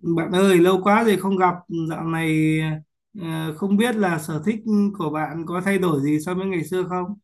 Bạn ơi, lâu quá rồi không gặp, dạo này không biết là sở thích của bạn có thay đổi gì so với ngày xưa không?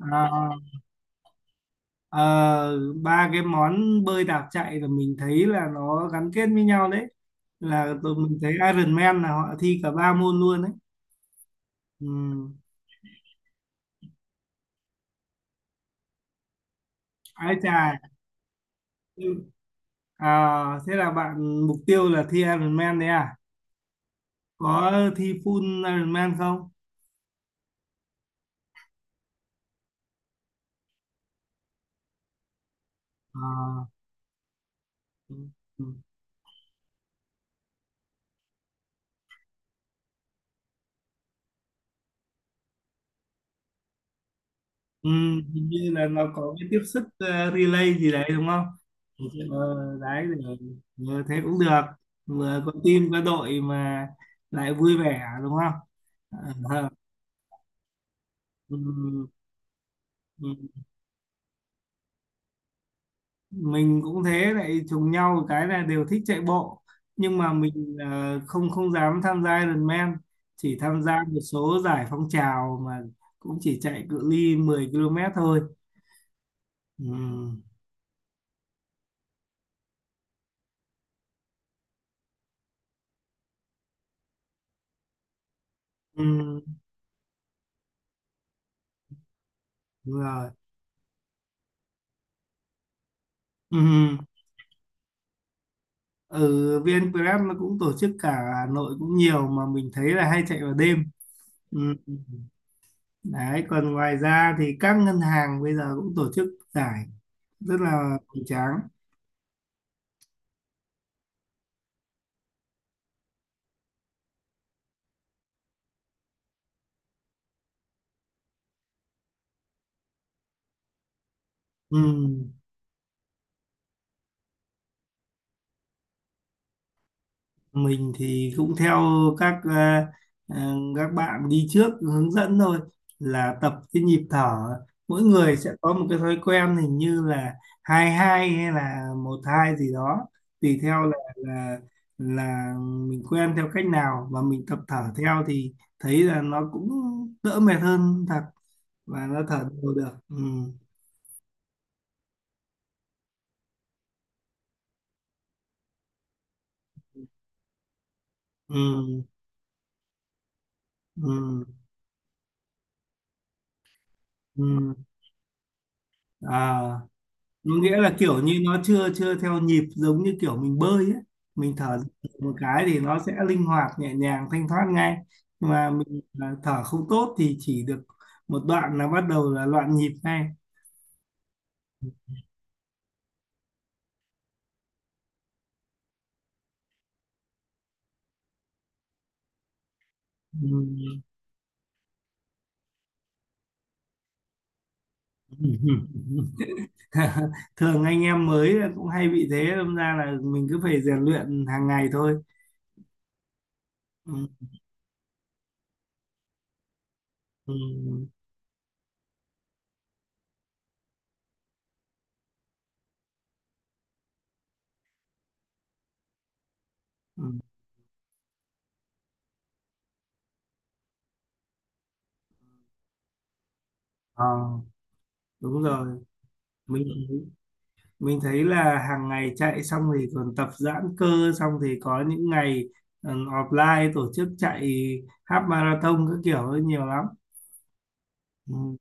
À, ờ, ba cái món bơi đạp chạy là mình thấy là nó gắn kết với nhau đấy. Là tụi mình thấy Ironman là họ thi cả ba môn luôn đấy. Ừ. Ái chà. Ừ. À, thế là bạn mục tiêu là thi Ironman đấy à? Có thi full Ironman không? À. Ừ. Ừ. Ừ, hình như là nó có cái tiếp sức relay gì đấy đúng không? Ừ, đấy để, thế cũng được, vừa có team có đội mà lại vui vẻ đúng không? Ờ, ừ, ừ. Mình cũng thế, lại trùng nhau một cái là đều thích chạy bộ nhưng mà mình không không dám tham gia Ironman, chỉ tham gia một số giải phong trào mà cũng chỉ chạy cự ly 10 km thôi. Ừ, ừ, đúng rồi. Ừ. Ừ. VN Grab nó cũng tổ chức cả Hà Nội cũng nhiều mà mình thấy là hay chạy vào đêm. Ừ. Đấy, còn ngoài ra thì các ngân hàng bây giờ cũng tổ chức giải rất là hoành tráng. Ừ. Mình thì cũng theo các à, các bạn đi trước hướng dẫn thôi, là tập cái nhịp thở. Mỗi người sẽ có một cái thói quen hình như là hai hai hay là một hai gì đó, tùy theo là là là mình quen theo cách nào, và mình tập thở theo thì thấy là nó cũng đỡ mệt hơn thật, và nó thở đều được. Ừ. Ừ. Ừ. Ừ. À, nghĩa là kiểu như nó chưa chưa theo nhịp, giống như kiểu mình bơi ấy, mình thở một cái thì nó sẽ linh hoạt nhẹ nhàng thanh thoát ngay. Mà mình thở không tốt thì chỉ được một đoạn là bắt đầu là loạn nhịp ngay. Ừm. Thường anh em mới là cũng hay bị thế, đâm ra là mình cứ phải rèn luyện hàng ngày thôi. Ừm, ừm, ừm. Ờ, đúng rồi. Mình mình thấy là hàng ngày chạy xong thì còn tập giãn cơ, xong thì có những ngày ừ, offline tổ chức chạy half marathon các kiểu ấy nhiều lắm. Ừ,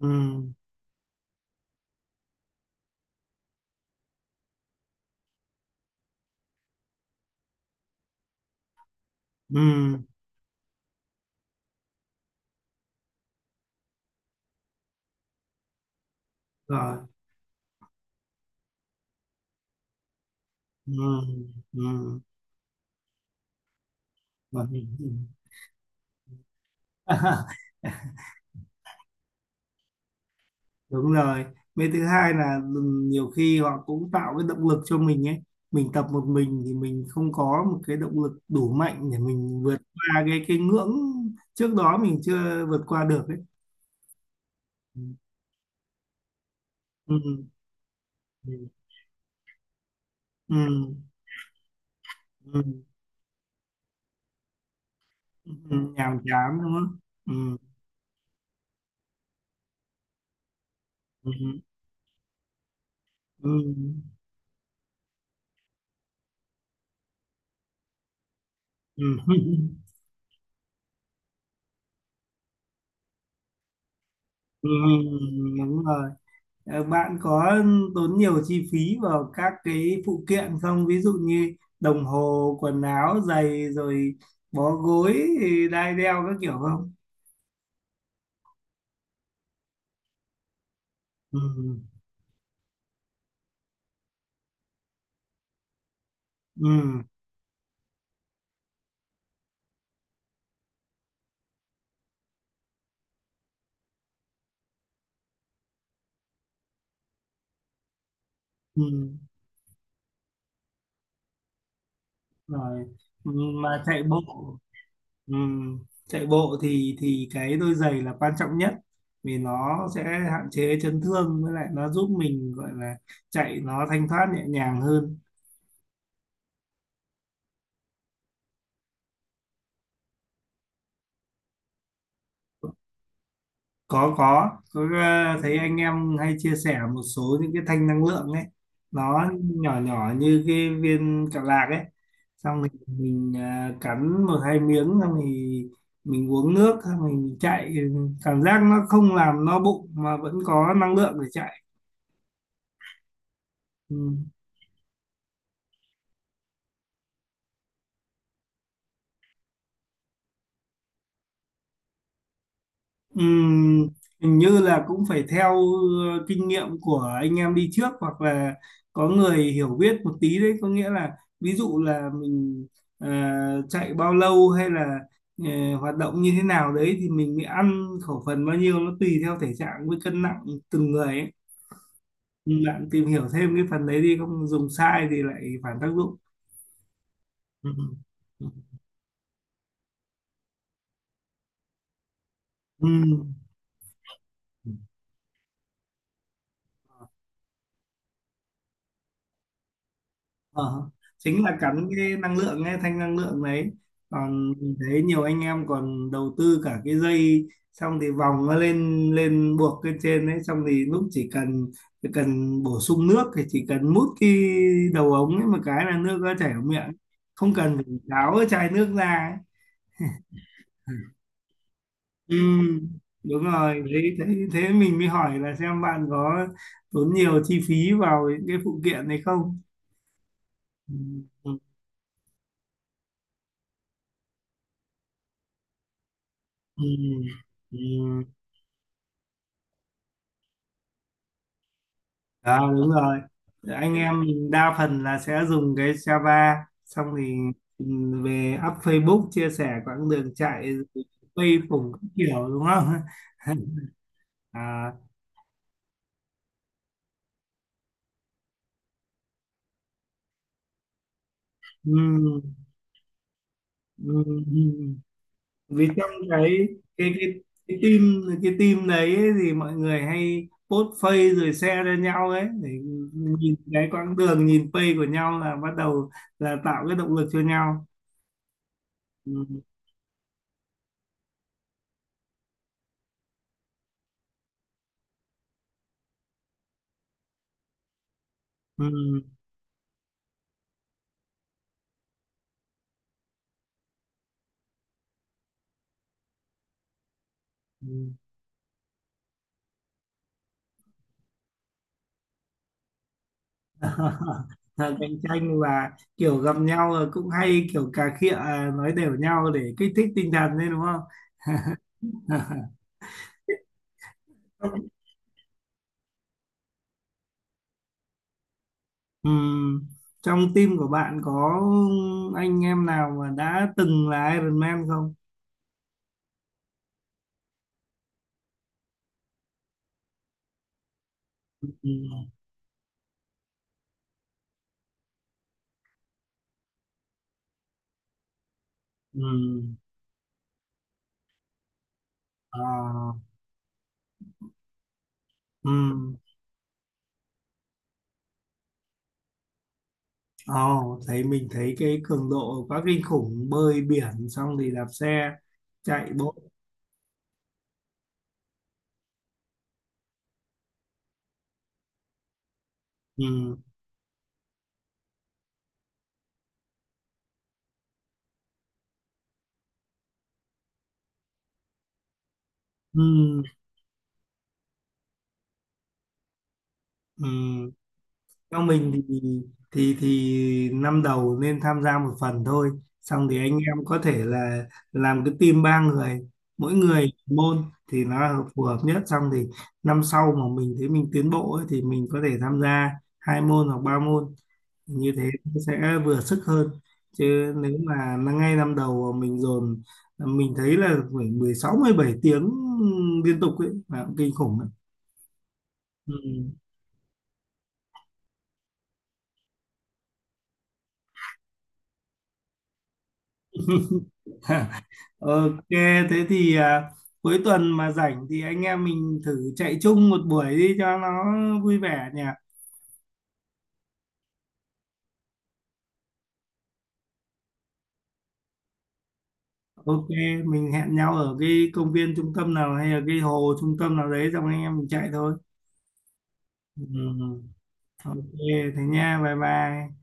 ừ, ừ, rồi. Ừ, ừ, rồi. Đúng rồi, với thứ hai là ừ, nhiều khi họ cũng tạo cái động lực cho mình ấy. Mình tập một mình thì mình không có một cái động lực đủ mạnh để mình vượt qua cái ngưỡng trước đó mình chưa vượt qua được ấy. Ừ. Ừ, ừ. Ừ. Ừ. Ừ, nhàm chán đúng không? Ừ. Ừ. Ừ. Ừ. Ừ, đúng rồi. Ờ, bạn có tốn nhiều chi phí vào các cái phụ kiện không, ví dụ như đồng hồ, quần áo, giày, rồi bó gối, đai đeo các kiểu không? Ừ. Ừ. Ừ. Ừ, rồi. Ừ, mà chạy bộ. Ừm, chạy bộ thì cái đôi giày là quan trọng nhất, vì nó sẽ hạn chế chấn thương, với lại nó giúp mình gọi là chạy nó thanh thoát nhẹ nhàng hơn. Có, thấy anh em hay chia sẻ một số những cái thanh năng lượng ấy, nó nhỏ nhỏ như cái viên kẹo lạc ấy, xong thì mình cắn một hai miếng, xong thì mình uống nước xong mình chạy, cảm giác nó không làm no bụng mà vẫn có năng lượng để chạy. Ừ. Ừm, hình như là cũng phải theo kinh nghiệm của anh em đi trước, hoặc là có người hiểu biết một tí đấy, có nghĩa là, ví dụ là mình ờ, chạy bao lâu, hay là hoạt động như thế nào đấy thì mình mới ăn khẩu phần bao nhiêu, nó tùy theo thể trạng với cân nặng từng người ấy. Bạn tìm hiểu thêm cái phần đấy đi, không dùng sai thì lại phản tác dụng. Ừ, ừ, ừ. Ờ, chính là cắn cái năng lượng ấy, thanh năng lượng đấy. Còn mình thấy nhiều anh em còn đầu tư cả cái dây, xong thì vòng nó lên lên buộc lên trên đấy, xong thì lúc chỉ cần bổ sung nước thì chỉ cần mút cái đầu ống ấy một cái là nước nó chảy vào miệng, không cần phải tháo cái chai nước ra ấy. Ừ, đúng rồi đấy, thế mình mới hỏi là xem bạn có tốn nhiều chi phí vào những cái phụ kiện này không. Ừ, ừ, ừ. Ừ. À, đúng rồi. Anh em mình đa phần là sẽ dùng cái Java xong thì về up Facebook chia sẻ quãng đường chạy rồi quay phủng các kiểu đúng không? À, ừm, ừm. Vì trong cái cái cái team đấy ấy, thì mọi người hay post face rồi share cho nhau ấy, để nhìn cái quãng đường, nhìn face của nhau là bắt đầu là tạo cái động lực cho nhau. Ừm, ừm, ừm. Cạnh tranh và kiểu gặp nhau là cũng hay kiểu cà khịa, nói đều nhau để kích thích tinh thần đấy đúng không? Ừm, trong team của bạn có anh em nào mà đã từng là Iron Man không? Ừm, ừm, ờ, ừm. Ồ, thấy mình thấy cái cường độ quá kinh khủng, bơi biển xong thì đạp xe chạy bộ. Ừm, ừm, ừm. Theo mình thì năm đầu nên tham gia một phần thôi, xong thì anh em có thể là làm cái team ba người, mỗi người môn thì nó là phù hợp nhất. Xong thì năm sau mà mình thấy mình tiến bộ ấy, thì mình có thể tham gia hai môn hoặc ba môn, như thế nó sẽ vừa sức hơn. Chứ nếu mà nó ngay năm đầu mà mình dồn, mình thấy là phải 16-17 tiếng liên tục ấy là cũng kinh khủng đấy. Ừ. Ok, thế thì cuối tuần mà rảnh thì anh em mình thử chạy chung một buổi đi cho nó vui vẻ nhỉ. Ok, mình hẹn nhau ở cái công viên trung tâm nào hay là cái hồ trung tâm nào đấy xong anh em mình chạy thôi. Ừ, ok, thế nha, bye bye.